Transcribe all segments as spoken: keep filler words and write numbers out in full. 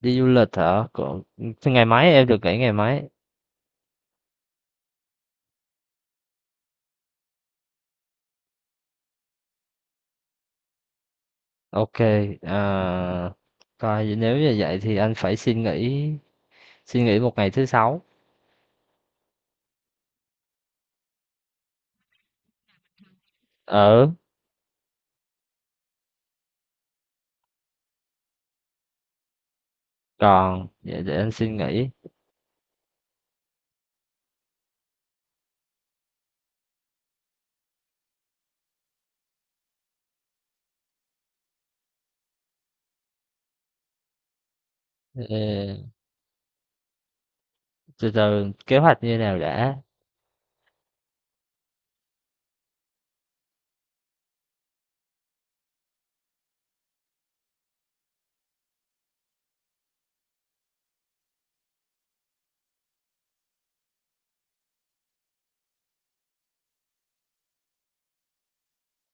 Đi du lịch hả? Còn thế ngày mấy em được nghỉ ngày mấy? Ok, à, coi nếu như vậy thì anh phải xin nghỉ xin nghỉ một ngày thứ sáu. Ờ, còn vậy để anh xin nghỉ. Ờ, từ từ kế hoạch như nào đã?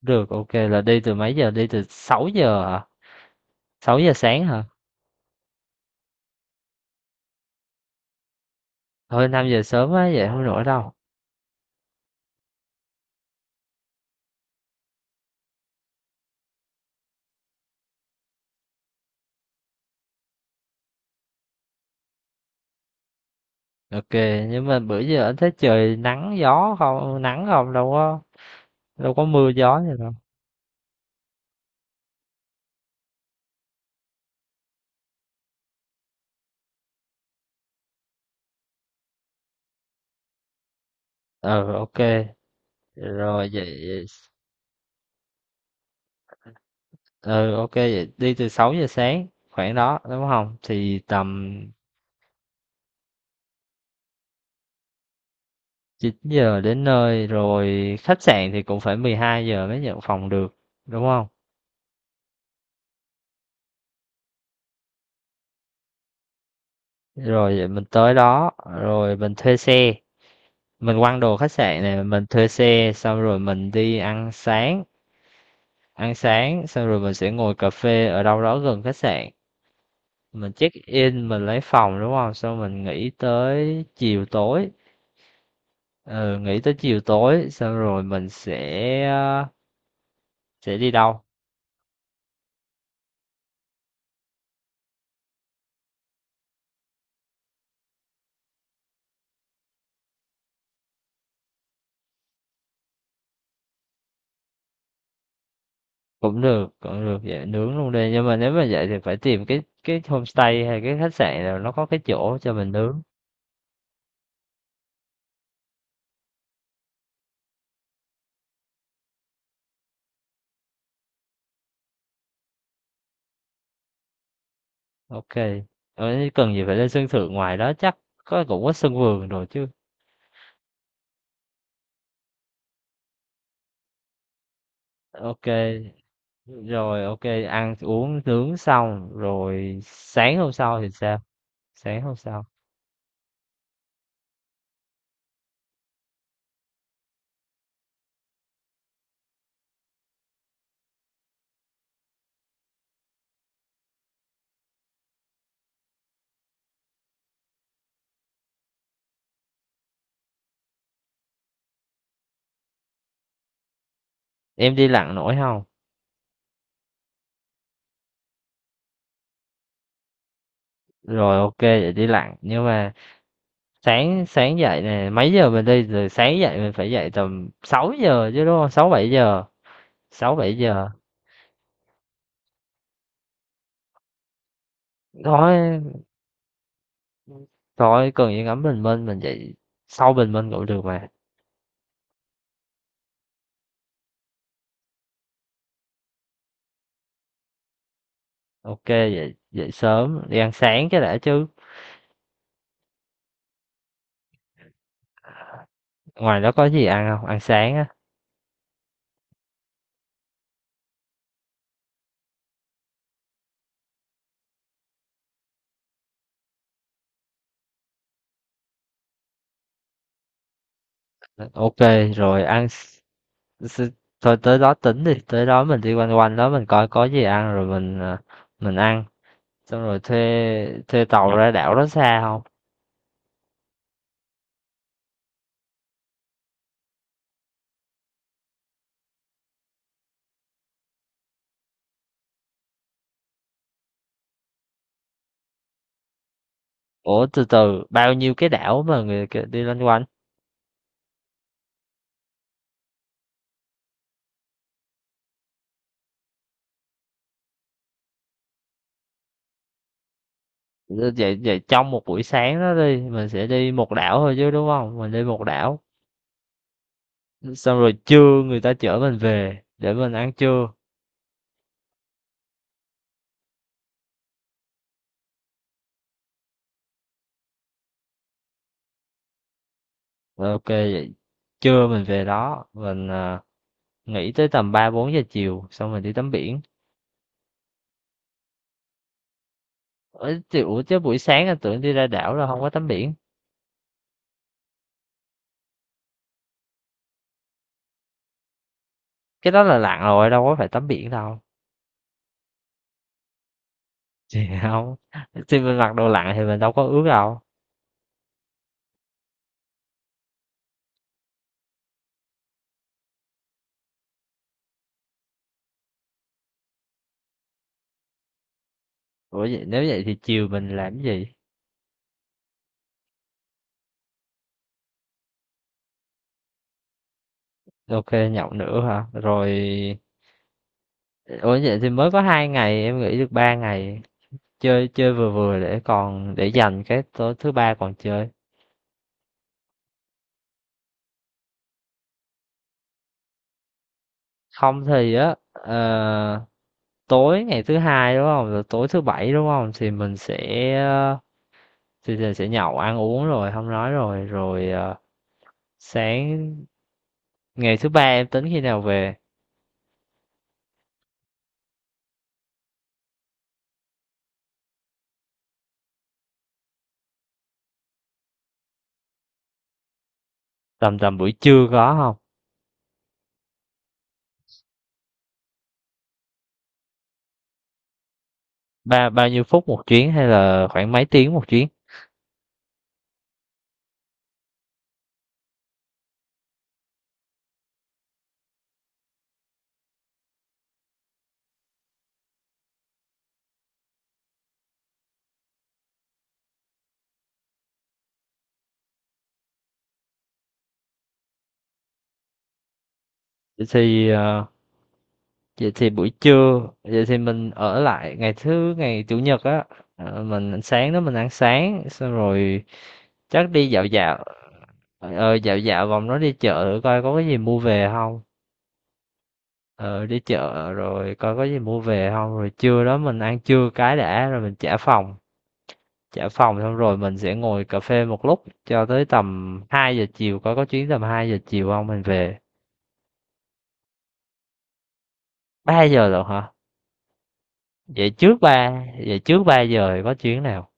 Được, ok là đi từ mấy giờ? Đi từ sáu giờ hả? Sáu giờ sáng hả? Thôi, năm giờ sớm quá, vậy không nổi đâu. Ok, nhưng mà bữa giờ anh thấy trời nắng gió không? Nắng không, đâu có, đâu có mưa gió gì đâu. Ờ, ok. Rồi vậy, ừ, OK vậy đi từ sáu giờ sáng khoảng đó đúng không? Thì tầm chín giờ đến nơi rồi, khách sạn thì cũng phải mười hai giờ mới nhận phòng được, đúng không? Rồi vậy mình tới đó rồi mình thuê xe, mình quăng đồ khách sạn, này mình thuê xe xong rồi mình đi ăn sáng, ăn sáng xong rồi mình sẽ ngồi cà phê ở đâu đó gần khách sạn. Mình check in mình lấy phòng đúng không? Xong mình nghỉ tới chiều tối. Ừ, nghỉ tới chiều tối xong rồi mình sẽ. Sẽ đi đâu? Cũng được, cũng được, vậy nướng luôn đi. Nhưng mà nếu mà vậy thì phải tìm cái cái homestay hay cái khách sạn nào nó có cái chỗ cho mình nướng. Ok. Ờ, cần gì phải lên sân thượng, ngoài đó chắc có cũng có sân vườn rồi chứ. Ok. Rồi ok, ăn uống nướng xong rồi sáng hôm sau thì sao? Sáng hôm sau. Em đi lặn nổi không? Rồi ok vậy đi lặn, nhưng mà sáng sáng dậy nè mấy giờ mình đi, rồi sáng dậy mình phải dậy tầm sáu giờ chứ đúng không? sáu bảy giờ. Sáu bảy giờ. Thôi, thôi cần gì ngắm bình minh, mình dậy sau bình minh cũng được mà. Ok, dậy dậy sớm đi ăn sáng cái đã chứ. Ngoài đó có gì ăn không? Ăn sáng á. Ok, rồi ăn s- s- thôi tới đó tính đi, tới đó mình đi quanh quanh đó mình coi có gì ăn rồi mình, à, mình ăn. Xong rồi thuê thuê tàu ra đảo, đó xa không? Ủa từ từ, bao nhiêu cái đảo mà người kì- đi loanh quanh? Vậy vậy trong một buổi sáng đó đi, mình sẽ đi một đảo thôi chứ đúng không? Mình đi một đảo. Xong rồi trưa người ta chở mình về để mình ăn trưa, rồi ok vậy trưa mình về đó mình, à, nghỉ tới tầm ba bốn giờ chiều xong mình đi tắm biển. Ấy, chứ- ủa chứ buổi sáng anh tưởng đi ra đảo là không có tắm biển. Cái đó là lặn rồi, đâu có phải tắm biển đâu. Thì không, thì mình mặc đồ lặn thì mình đâu có ướt đâu. Ủa vậy nếu vậy thì chiều mình làm cái gì? Ok nhậu nữa hả, rồi ủa vậy thì mới có hai ngày, em nghĩ được ba ngày chơi chơi vừa vừa để còn để dành cái tối thứ ba còn chơi. Không thì á, ờ, tối ngày thứ hai đúng không, rồi tối thứ bảy đúng không, thì mình sẽ, ờ, thì thì sẽ nhậu ăn uống rồi không nói rồi, rồi ờ, sáng ngày thứ ba em tính khi nào về? Tầm Tầm buổi trưa có không? Ba bao nhiêu phút một chuyến hay là khoảng mấy tiếng một chuyến? Vậy thì, ờ, vậy thì buổi trưa, vậy thì mình ở lại ngày thứ ngày chủ nhật á, ờ, mình sáng đó mình ăn sáng xong rồi chắc đi dạo dạo. Trời ơi dạo dạo vòng nó đi chợ coi có cái gì mua về không, ờ đi chợ rồi coi có gì mua về không, rồi trưa đó mình ăn trưa cái đã rồi mình trả phòng. Trả phòng xong rồi mình sẽ ngồi cà phê một lúc cho tới tầm hai giờ chiều coi có chuyến tầm hai giờ chiều không mình về. Ba giờ rồi hả? Vậy trước ba vậy trước ba giờ thì có chuyến nào?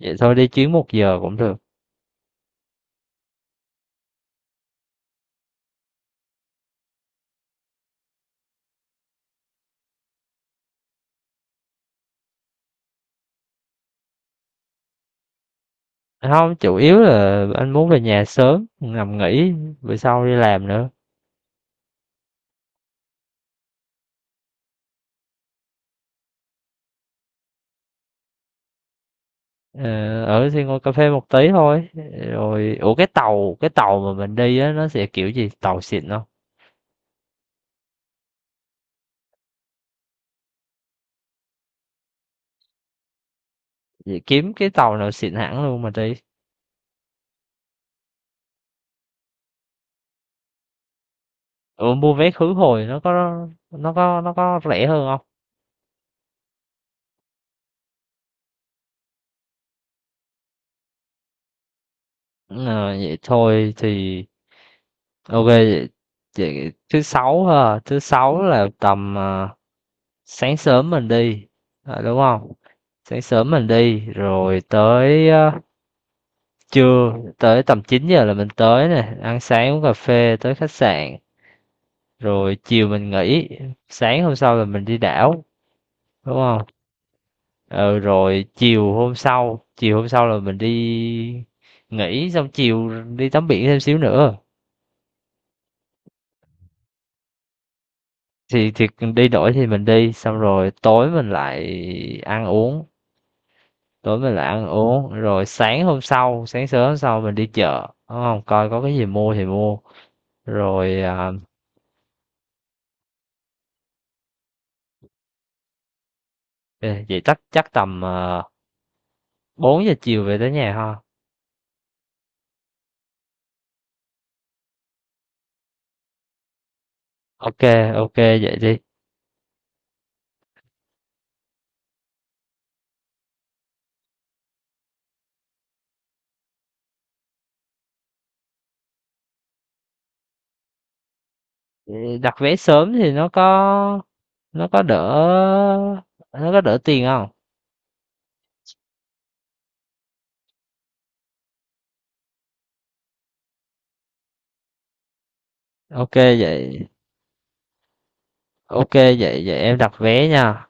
Vậy thôi đi chuyến một giờ cũng được. Không, chủ yếu là anh muốn về nhà sớm nằm nghỉ, bữa sau đi làm nữa. Ờ, ở thì ngồi cà phê một tí thôi, rồi ủa cái tàu cái tàu mà mình đi á nó sẽ kiểu gì, tàu xịn không? Vậy kiếm cái tàu nào xịn hẳn luôn mà đi. Ủa mua vé khứ hồi nó có nó có nó có rẻ hơn không? Ờ, vậy thôi thì ok vậy, vậy thứ sáu ha, thứ sáu là tầm, à, sáng sớm mình đi. Ờ, đúng không, sáng sớm mình đi rồi tới, ờ, trưa, tới tầm chín giờ là mình tới nè, ăn sáng uống cà phê tới khách sạn, rồi chiều mình nghỉ, sáng hôm sau là mình đi đảo, đúng không? Ừ, rồi chiều hôm sau, chiều hôm sau là mình đi nghỉ xong chiều đi tắm biển thêm xíu nữa. Thì thì đi đổi thì mình đi xong rồi tối mình lại ăn uống, tối mình lại ăn uống rồi sáng hôm sau, sáng sớm hôm sau mình đi chợ đúng không, coi có cái gì mua thì mua rồi, à, vậy chắc chắc tầm, uh, bốn giờ chiều về tới nhà ha. Ok, ok vậy đi. Ừ, đặt vé sớm thì nó có nó có đỡ nó có đỡ tiền không? Ok vậy, ok vậy vậy em đặt vé nha.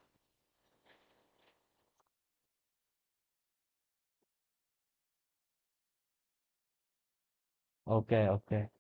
Ok ok.